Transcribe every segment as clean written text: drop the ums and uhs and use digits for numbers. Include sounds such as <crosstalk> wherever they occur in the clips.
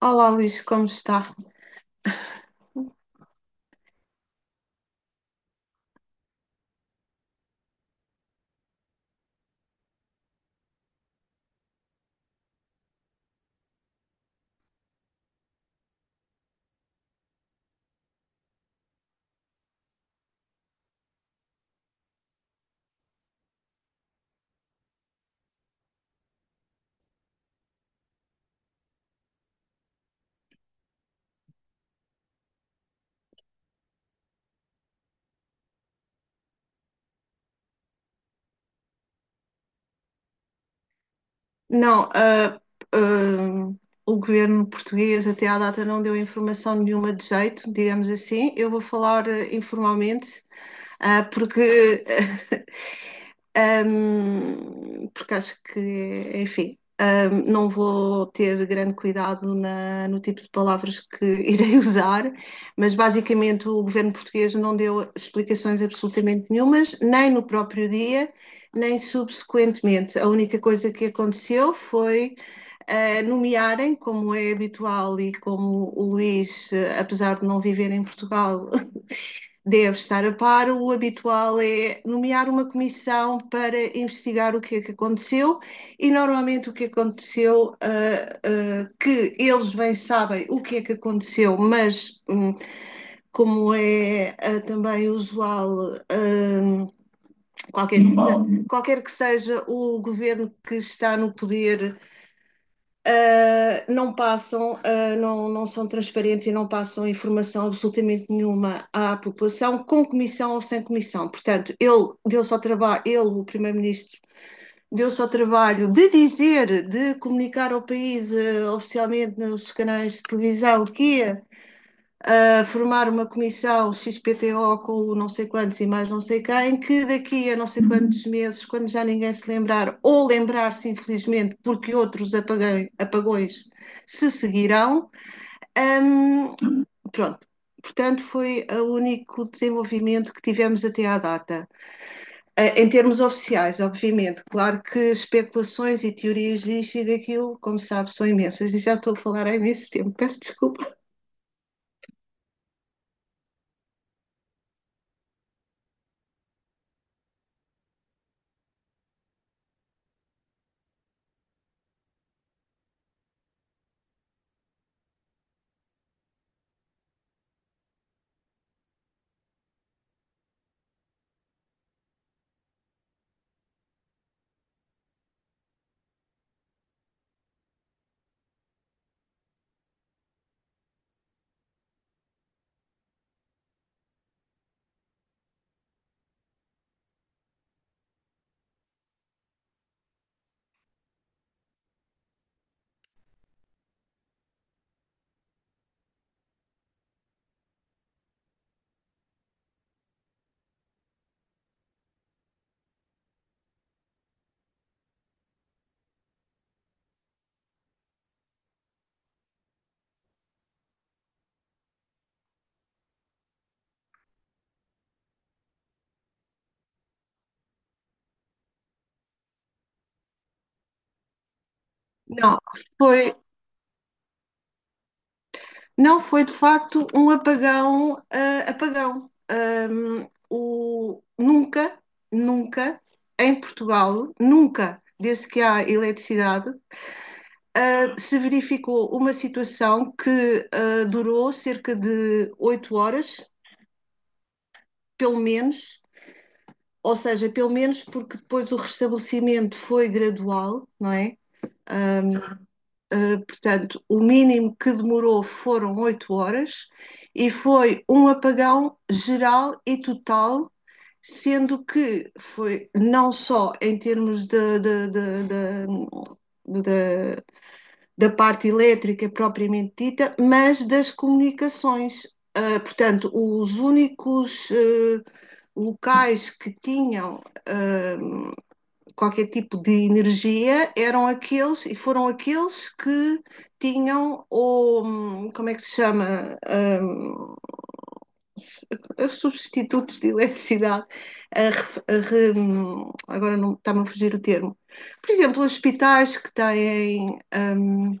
Olá, Luís, como está? Não, ah, ah, O governo português até à data não deu informação nenhuma de jeito, digamos assim. Eu vou falar informalmente, ah, porque porque acho que, enfim, não vou ter grande cuidado no tipo de palavras que <laughs> irei usar, mas basicamente o governo português não deu explicações absolutamente nenhumas, nem no próprio dia, nem subsequentemente. A única coisa que aconteceu foi nomearem, como é habitual e como o Luís, apesar de não viver em Portugal, deve estar a par. O habitual é nomear uma comissão para investigar o que é que aconteceu e normalmente o que aconteceu, que eles bem sabem o que é que aconteceu, mas como é também usual, hum, qualquer que seja o governo que está no poder, não passam, não são transparentes e não passam informação absolutamente nenhuma à população, com comissão ou sem comissão. Portanto, ele deu-se ao trabalho, ele, o Primeiro-Ministro, deu-se ao trabalho de dizer, de comunicar ao país oficialmente nos canais de televisão que ia a formar uma comissão XPTO com o não sei quantos e mais não sei quem, que daqui a não sei quantos meses, quando já ninguém se lembrar, ou lembrar-se infelizmente, porque outros apagões, apagões se seguirão, hum, pronto. Portanto, foi o único desenvolvimento que tivemos até à data. Em termos oficiais, obviamente, claro que especulações e teorias disto e daquilo, como sabe, são imensas e já estou a falar há imenso tempo, peço desculpa. Não, foi, Não, foi de facto um apagão, apagão. Nunca, nunca, em Portugal, nunca, desde que há eletricidade, se verificou uma situação que durou cerca de oito horas, pelo menos, ou seja, pelo menos porque depois o restabelecimento foi gradual, não é? Ahm, Portanto, o mínimo que demorou foram oito horas e foi um apagão geral e total, sendo que foi não só em termos de, da parte elétrica propriamente dita, mas das comunicações. Portanto, os únicos locais que tinham uh, qualquer tipo de energia eram aqueles e foram aqueles que tinham como é que se chama, Hum, os substitutos de eletricidade, a ref- a agora não está-me a fugir o termo. Por exemplo, os hospitais que têm hum,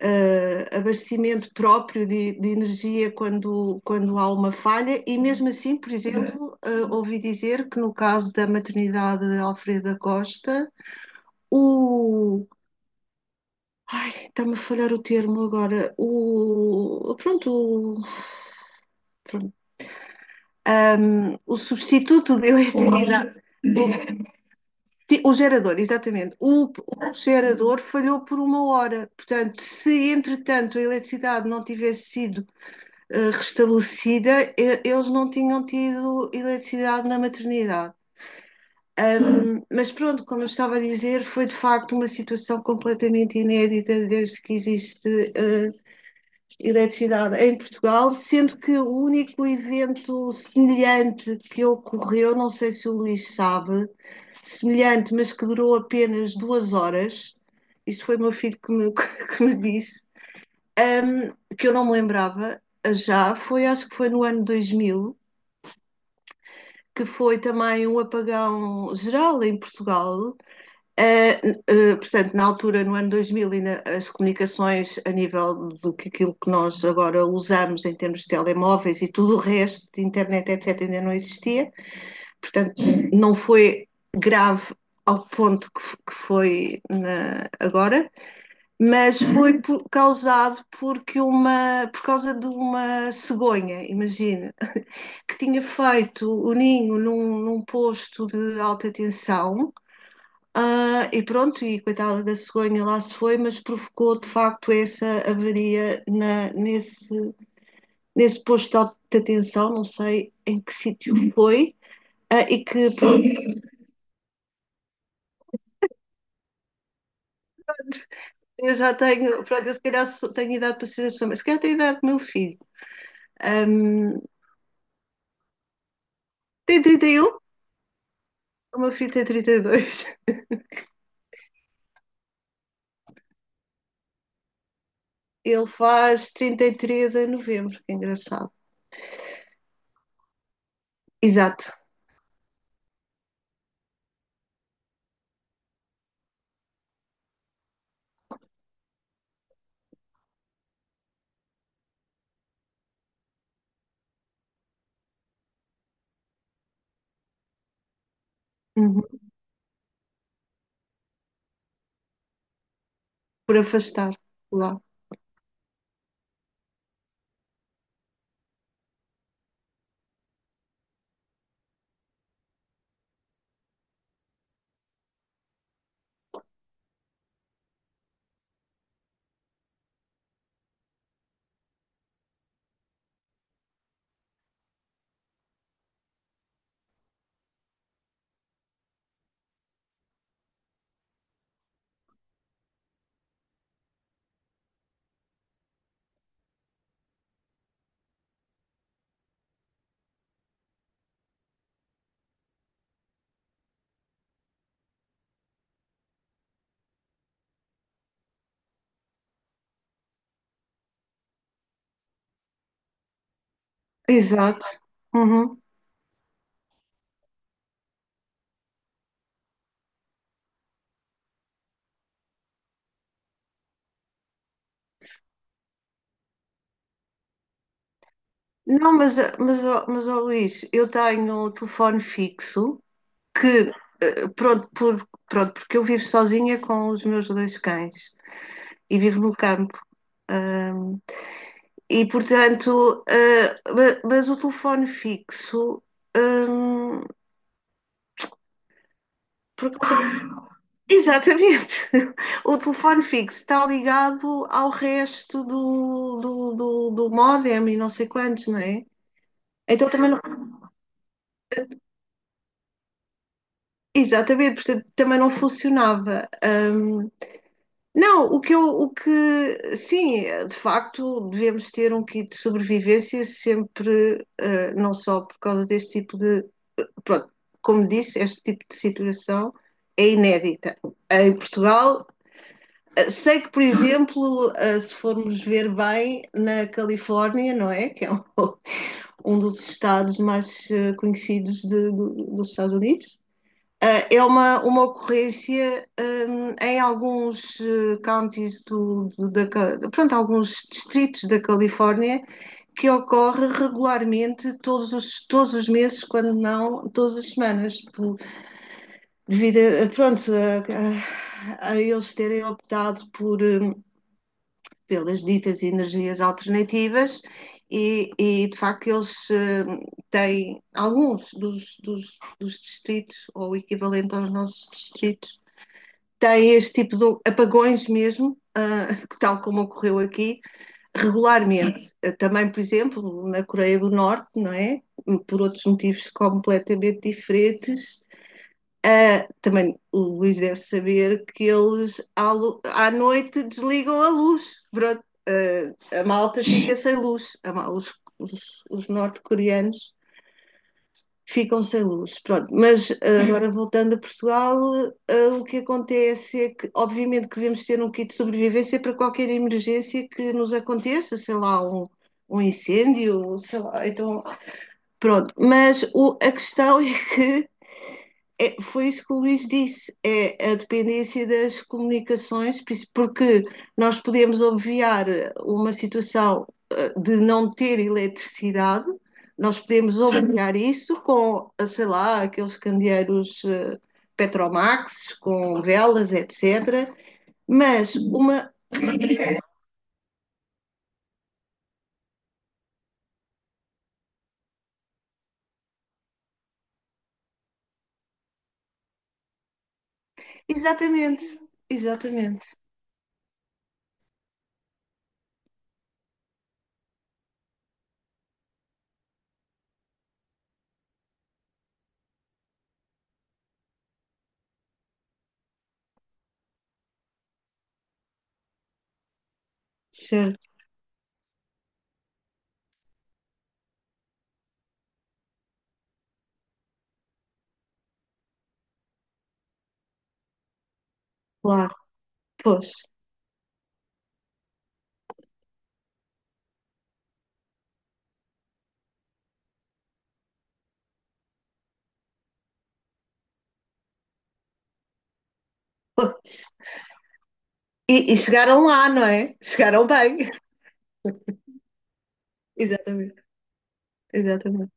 ah, abastecimento próprio de energia quando, quando há uma falha, e mesmo assim, por exemplo, ouvi dizer que no caso da maternidade Alfreda Costa, o. Ai, está-me a falhar o termo agora. O. Pronto, o. pronto, o substituto de eletricidade. O gerador, exatamente. O gerador falhou por uma hora. Portanto, se entretanto a eletricidade não tivesse sido restabelecida, eles não tinham tido eletricidade na maternidade. Mas pronto, como eu estava a dizer, foi de facto uma situação completamente inédita desde que existe eletricidade em Portugal, sendo que o único evento semelhante que ocorreu, não sei se o Luís sabe, semelhante, mas que durou apenas duas horas, isto foi o meu filho que me, <laughs> que me disse, que eu não me lembrava já, foi acho que foi no ano 2000, que foi também um apagão geral em Portugal. Uh, Portanto, na altura, no ano 2000, ainda as comunicações a nível do que aquilo que nós agora usamos em termos de telemóveis e tudo o resto de internet, etc., ainda não existia. Portanto, não foi grave ao ponto que foi agora, mas foi por, causado porque uma, por causa de uma cegonha, imagina, que tinha feito o ninho num posto de alta tensão e pronto, e coitada da cegonha lá se foi, mas provocou de facto essa avaria nesse, nesse posto de alta tensão, não sei em que sítio foi, e que pronto, eu já tenho, pronto, eu se calhar tenho idade para ser a sua, mas se calhar tenho idade do meu filho. Ahm, Tem trinta e um, o meu filho tem trinta e dois. <laughs> Ele faz 33 em novembro, que é engraçado. Exato. Uhum. Por afastar lá. Exato. Uhum. Não, mas ó, Luís, eu tenho o telefone fixo que, pronto, pronto, porque eu vivo sozinha com os meus dois cães e vivo no campo. E, portanto, mas o telefone fixo, hum, por causa- exatamente, <laughs> o telefone fixo está ligado ao resto do módem e não sei quantos, não é? Então também não, exatamente, portanto, também não funcionava. Não, o que eu, o que, sim, de facto, devemos ter um kit de sobrevivência sempre, não só por causa deste tipo de pronto, como disse, este tipo de situação é inédita. Em Portugal, sei que, por exemplo, se formos ver bem, na Califórnia, não é? Que é um, <laughs> um dos estados mais conhecidos dos Estados Unidos. É uma ocorrência em alguns counties pronto, alguns distritos da Califórnia que ocorre regularmente todos os meses, quando não todas as semanas, devido pronto, a eles terem optado por, pelas ditas energias alternativas e, de facto eles têm, alguns dos distritos, ou o equivalente aos nossos distritos, têm este tipo de apagões mesmo, <laughs> tal como ocorreu aqui, regularmente. Ah, também, por exemplo, na Coreia do Norte, não é? Por outros motivos completamente diferentes, também o Luís deve saber que eles à noite desligam a luz. Pronto, a malta fica sem luz. A ma- os norte-coreanos ficam sem luz. Pronto, mas agora voltando a Portugal, o que acontece é que, obviamente, que devemos ter um kit de sobrevivência para qualquer emergência que nos aconteça, sei lá, um incêndio, sei lá, então. Pronto, mas a questão <laughs> é que foi isso que o Luís disse, é a dependência das comunicações, porque nós podemos obviar uma situação de não ter eletricidade, nós podemos obviar isso com, sei lá, aqueles candeeiros Petromax, com velas, etc. Mas uma. Exatamente, exatamente. Certo, claro. Pois, pois. E chegaram lá, não é? Chegaram bem. <laughs> Exatamente, exatamente.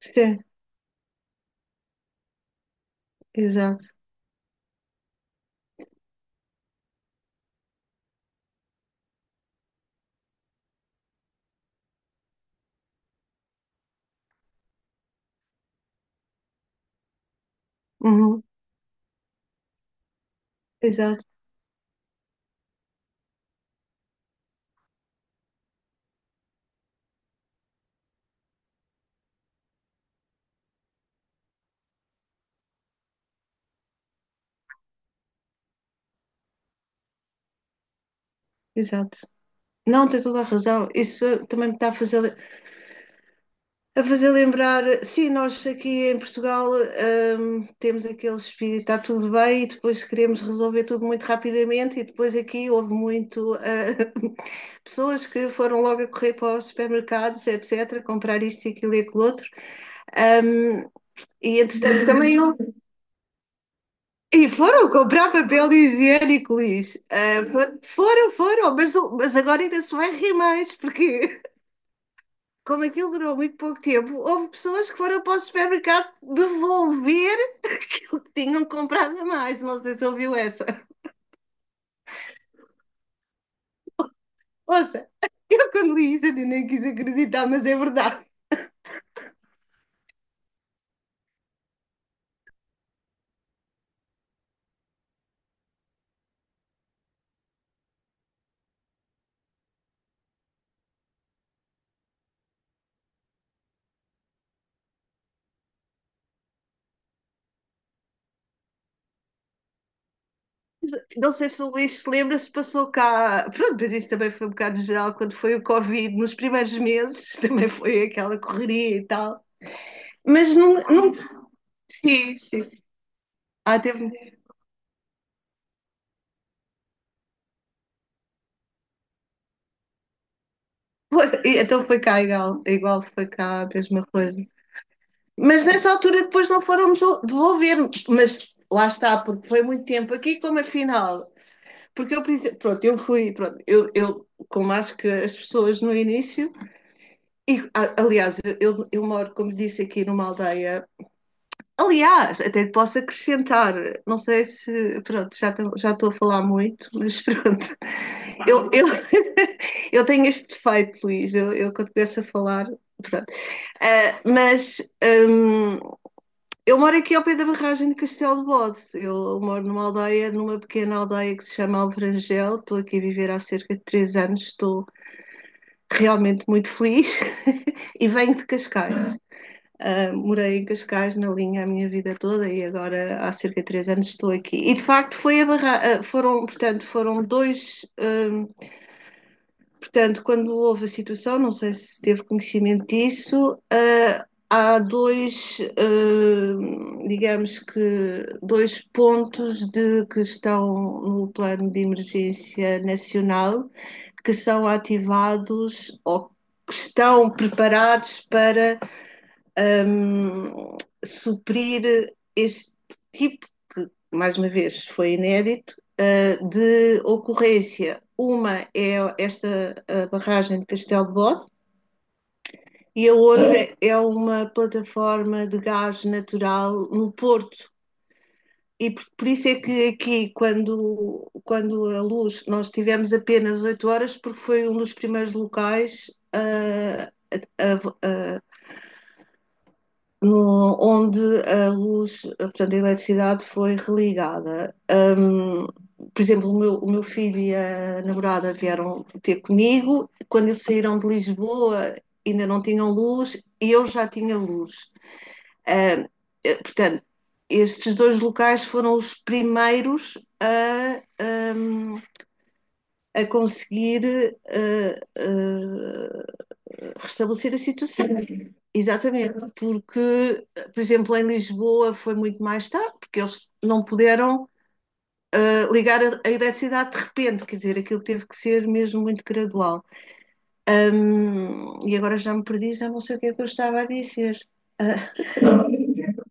Sim, exato. Uhum, exato, exato. Não, tem toda a razão. Isso também me está a fazer lembrar. Sim, nós aqui em Portugal, temos aquele espírito, está tudo bem, e depois queremos resolver tudo muito rapidamente, e depois aqui houve muito, <laughs> pessoas que foram logo a correr para os supermercados, etc., comprar isto e aquilo outro. Hum, e entretanto também <laughs> E foram comprar papel higiênico, Luís. Foram, foram, mas, mas agora ainda se vai rir mais, porque <laughs> como aquilo durou muito pouco tempo, houve pessoas que foram para o supermercado devolver o que tinham comprado a mais. Não sei se ouviu essa. Ouça, eu quando li isso eu nem quis acreditar, mas é verdade. Não sei se o Luís se lembra se passou cá. Pronto, mas isso também foi um bocado geral quando foi o Covid, nos primeiros meses, <laughs> também foi aquela correria e tal. Mas não, não... Sim, sim. Teve. Pois, e então foi cá igual, igual foi cá a mesma coisa. Mas nessa altura depois não foram devolver, mas lá está, porque foi muito tempo aqui, como afinal. Pronto, eu fui, pronto, eu, como acho que as pessoas no início, aliás, eu moro, como disse, aqui numa aldeia. Aliás, até te posso acrescentar, não sei se, pronto, já estou a falar muito, mas <laughs> pronto, eu, eu, <laughs> eu tenho este defeito, Luís, eu quando começo a falar, pronto. Ah, mas hum, eu moro aqui ao pé da barragem de Castelo de Bode, eu moro numa aldeia, numa pequena aldeia que se chama Alverangel, estou aqui a viver há cerca de três anos, estou realmente muito feliz <laughs> e venho de Cascais. Morei em Cascais na linha a minha vida toda e agora há cerca de três anos estou aqui. E de facto foi a barra foram, portanto, foram dois, portanto, quando houve a situação, não sei se teve conhecimento disso, há dois, digamos que dois pontos de que estão no plano de emergência nacional que são ativados ou que estão preparados para um, suprir este tipo, que mais uma vez foi inédito, de ocorrência. Uma é esta a barragem de Castelo de Bode e a outra é uma plataforma de gás natural no Porto. E por isso é que aqui, quando, quando a luz, nós tivemos apenas oito horas, porque foi um dos primeiros locais uh, a, a, no- onde a luz, portanto, a eletricidade foi religada. Por exemplo, o meu filho e a namorada vieram ter comigo. Quando eles saíram de Lisboa, ainda não tinham luz e eu já tinha luz. Ahm, Portanto, estes dois locais foram os primeiros a conseguir eh, eh, restabelecer a situação. Exatamente, porque, por exemplo, em Lisboa foi muito mais tarde, porque eles não puderam ligar a eletricidade de repente, quer dizer, aquilo teve que ser mesmo muito gradual. E agora já me perdi, já não sei o que é que eu estava a dizer. Uh,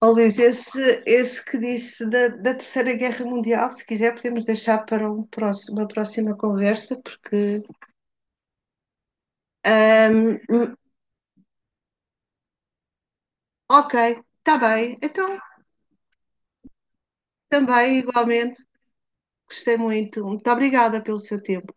oh, Luís, esse que disse da Terceira Guerra Mundial, se quiser podemos deixar para um próximo, uma próxima conversa, porque. Um, ok, está bem, então também igualmente. Gostei muito. Muito obrigada pelo seu tempo.